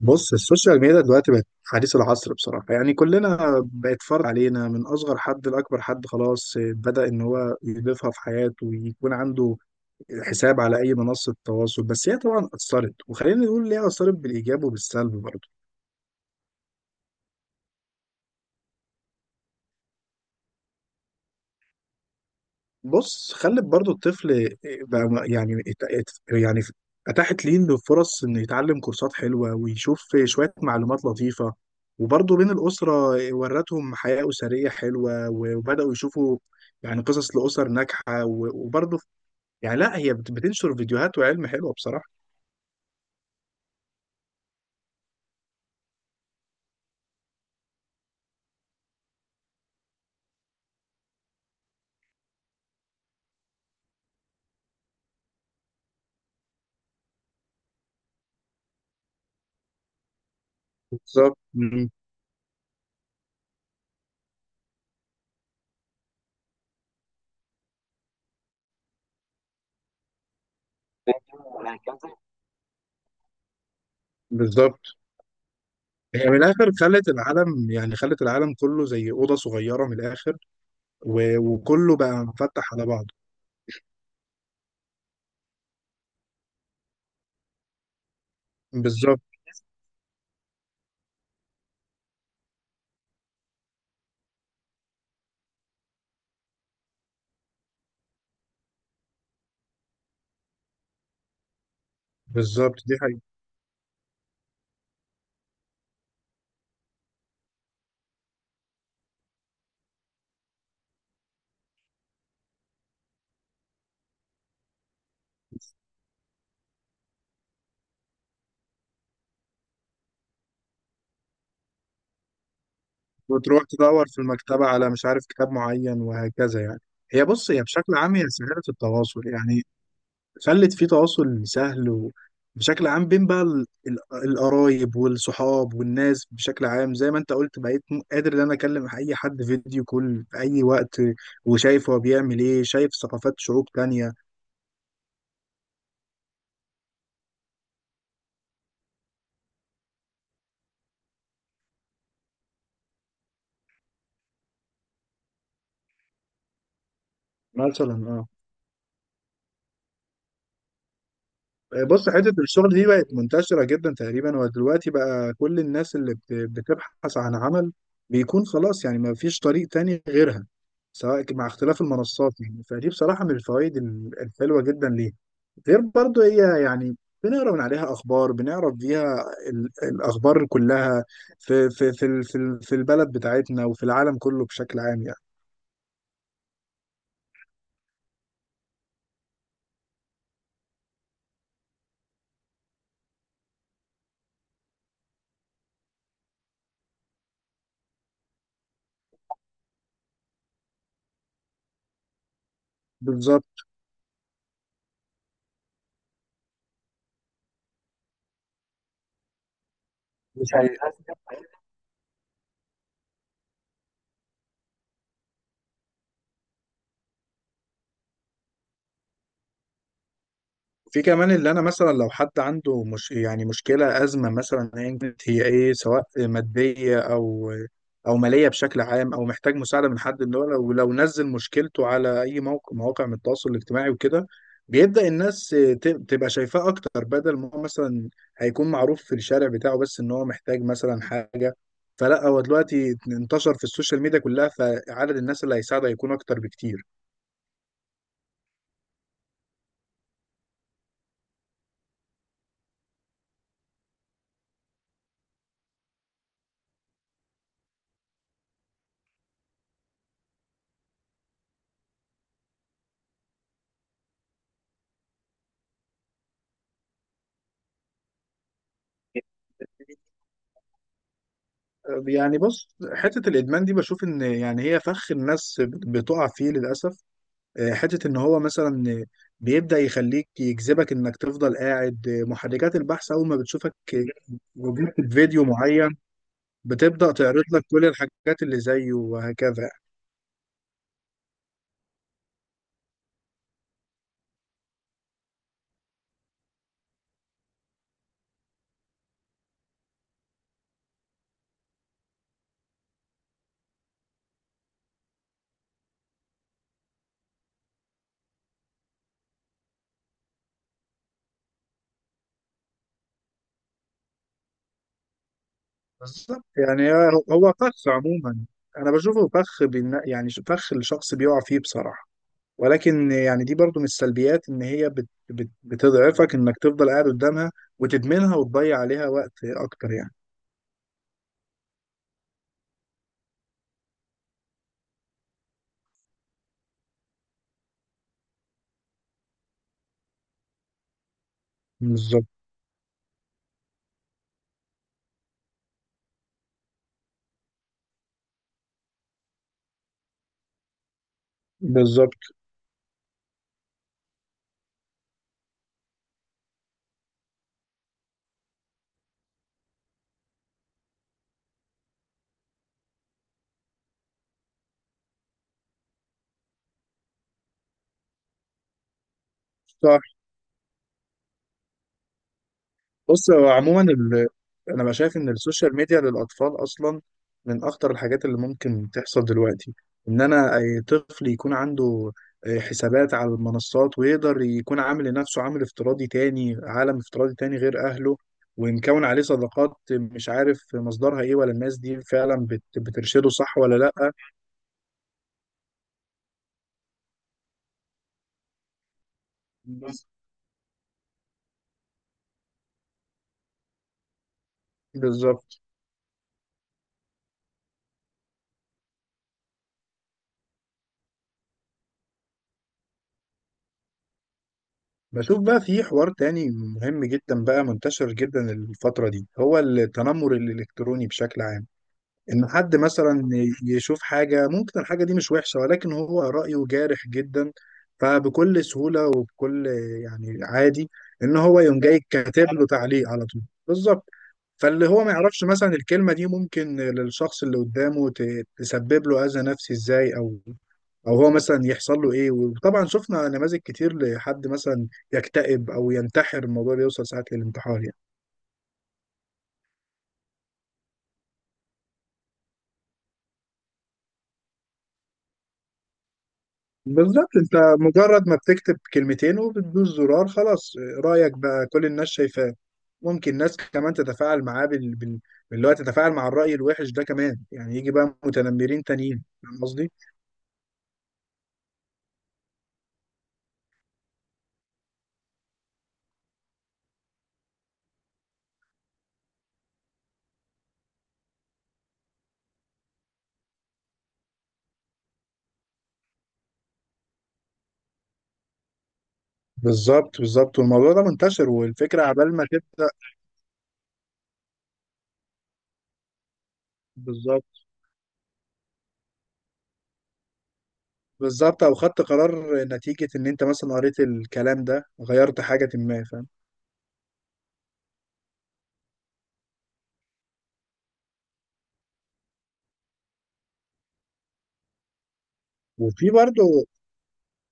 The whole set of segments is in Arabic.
بص، السوشيال ميديا دلوقتي بقت حديث العصر بصراحة، يعني كلنا بقت فرض علينا، من أصغر حد لأكبر حد خلاص بدأ إن هو يضيفها في حياته ويكون عنده حساب على أي منصة تواصل. بس هي طبعا أثرت، وخلينا نقول ليه أثرت بالإيجاب وبالسلب برضه. بص، خلت برضو الطفل بقى اتاحت ليه انه فرص انه يتعلم كورسات حلوه ويشوف شويه معلومات لطيفه. وبرضو بين الاسره، ورتهم حياه اسريه حلوه، وبداوا يشوفوا يعني قصص لاسر ناجحه وبرضو يعني لا، هي بتنشر فيديوهات وعلم حلوه بصراحه. بالظبط. بالظبط. هي من الاخر خلت العالم، يعني خلت العالم كله زي اوضه صغيره من الاخر، وكله بقى مفتح على بعضه. بالظبط. بالظبط دي حقيقة. وتروح تدور في المكتبة على مش عارف كتاب معين وهكذا يعني. هي، بص، هي بشكل عام هي سهلت التواصل يعني، خلت في تواصل سهل، وبشكل عام بين بقى القرايب والصحاب والناس بشكل عام. زي ما انت قلت، بقيت قادر ان انا اكلم اي حد فيديو كول في اي وقت، وشايف هو بيعمل ايه، شايف ثقافات شعوب تانية. مثلا آه. بص، حتة الشغل دي بقت منتشرة جدا تقريبا، ودلوقتي بقى كل الناس اللي بتبحث عن عمل بيكون خلاص، يعني ما فيش طريق تاني غيرها، سواء مع اختلاف المنصات يعني. فدي بصراحة من الفوائد الحلوة جدا ليها. غير برضو هي يعني بنقرا من عليها أخبار، بنعرف بيها الأخبار كلها في في البلد بتاعتنا وفي العالم كله بشكل عام يعني. بالظبط. دي في كمان، اللي انا مثلا لو حد عنده مش يعني مشكله، ازمه مثلا ايا كانت هي ايه، سواء ماديه او او ماليه بشكل عام، او محتاج مساعده من حد، اللي هو لو نزل مشكلته على اي موقع، مواقع من التواصل الاجتماعي وكده، بيبدا الناس تبقى شايفاه اكتر، بدل ما هو مثلا هيكون معروف في الشارع بتاعه بس ان هو محتاج مثلا حاجه. فلا، هو دلوقتي انتشر في السوشيال ميديا كلها، فعدد الناس اللي هيساعده هيكون اكتر بكتير. يعني بص، حتة الإدمان دي بشوف إن يعني هي فخ الناس بتقع فيه للأسف. حتة إن هو مثلا بيبدأ يخليك، يجذبك إنك تفضل قاعد. محركات البحث أول ما بتشوفك وجدت فيديو معين، بتبدأ تعرض لك كل الحاجات اللي زيه وهكذا. بالظبط. يعني هو فخ عموما، أنا بشوفه فخ فخ الشخص بيقع فيه بصراحة. ولكن يعني دي برضو من السلبيات، ان هي بت بت بتضعفك، انك تفضل قاعد قدامها وتدمنها وتضيع عليها وقت اكتر يعني. بالظبط. بالظبط. صح. بص، هو عموما ال... انا بقى شايف ان السوشيال ميديا للاطفال اصلا من اخطر الحاجات اللي ممكن تحصل دلوقتي. ان انا اي طفل يكون عنده حسابات على المنصات، ويقدر يكون عامل لنفسه عامل افتراضي تاني عالم افتراضي تاني غير اهله، ومكون عليه صداقات مش عارف مصدرها ايه، ولا الناس دي فعلا بت... بترشده صح ولا لا. بس. بالظبط. بشوف بقى في حوار تاني مهم جدا بقى، منتشر جدا الفترة دي، هو التنمر الالكتروني بشكل عام. ان حد مثلا يشوف حاجه، ممكن الحاجه دي مش وحشه، ولكن هو رايه جارح جدا، فبكل سهوله وبكل يعني عادي ان هو يقوم جاي كاتب له تعليق على طول. بالظبط. فاللي هو ما يعرفش مثلا الكلمه دي ممكن للشخص اللي قدامه تسبب له اذى نفسي ازاي، او او هو مثلا يحصل له ايه. وطبعا شفنا نماذج كتير لحد مثلا يكتئب او ينتحر، الموضوع بيوصل ساعات للانتحار يعني. بالظبط. انت مجرد ما بتكتب كلمتين وبتدوس زرار، خلاص رأيك بقى كل الناس شايفاه، ممكن ناس كمان تتفاعل معاه بال... بال... باللي هو تتفاعل مع الرأي الوحش ده كمان، يعني يجي بقى متنمرين تانيين، فاهم قصدي؟ بالظبط. بالظبط. والموضوع ده منتشر، والفكرة عبال ما تبدأ. بالظبط. بالظبط. او خدت قرار نتيجة ان انت مثلا قريت الكلام ده، غيرت حاجة، ما فاهم؟ وفي برضه،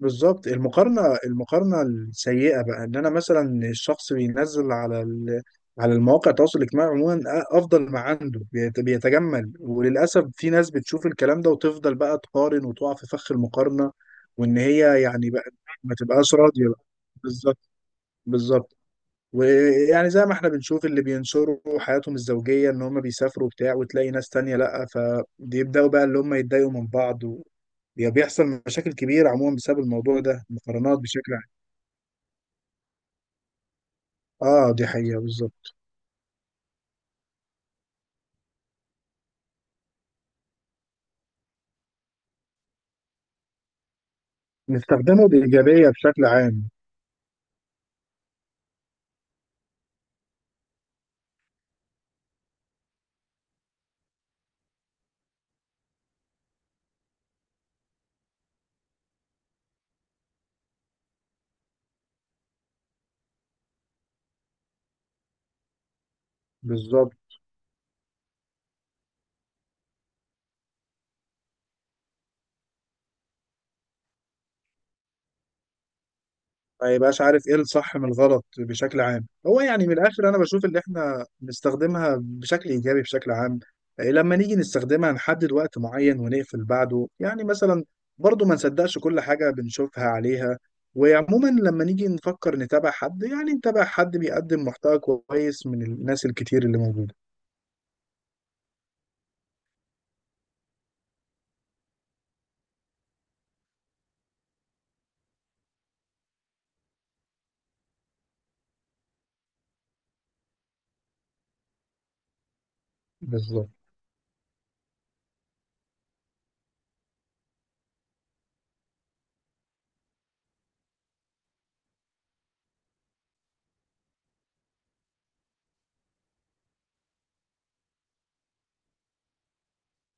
بالظبط، المقارنة السيئة بقى، ان انا مثلا الشخص بينزل على ال... على المواقع التواصل الاجتماعي عموما افضل ما عنده بيتجمل، وللاسف في ناس بتشوف الكلام ده وتفضل بقى تقارن وتقع في فخ المقارنة. وان هي يعني بقى ما تبقاش راضية بقى. بالظبط. بالظبط. ويعني زي ما احنا بنشوف اللي بينشروا حياتهم الزوجية، ان هم بيسافروا وبتاع، وتلاقي ناس تانية لأ، فبيبدأوا بقى اللي هم يتضايقوا من بعض و... بيحصل مشاكل كبيرة عموما بسبب الموضوع ده، المقارنات بشكل عام. اه دي حقيقة بالظبط. نستخدمه بإيجابية بشكل عام. بالظبط. ما يبقاش عارف ايه الصح من الغلط بشكل عام. هو يعني من الاخر انا بشوف اللي احنا بنستخدمها بشكل ايجابي بشكل عام. إيه، لما نيجي نستخدمها نحدد وقت معين ونقفل بعده يعني مثلا. برضو ما نصدقش كل حاجة بنشوفها عليها. وعموما لما نيجي نفكر نتابع حد، يعني نتابع حد بيقدم محتوى كويس من الناس الكتير اللي موجودة. بالظبط.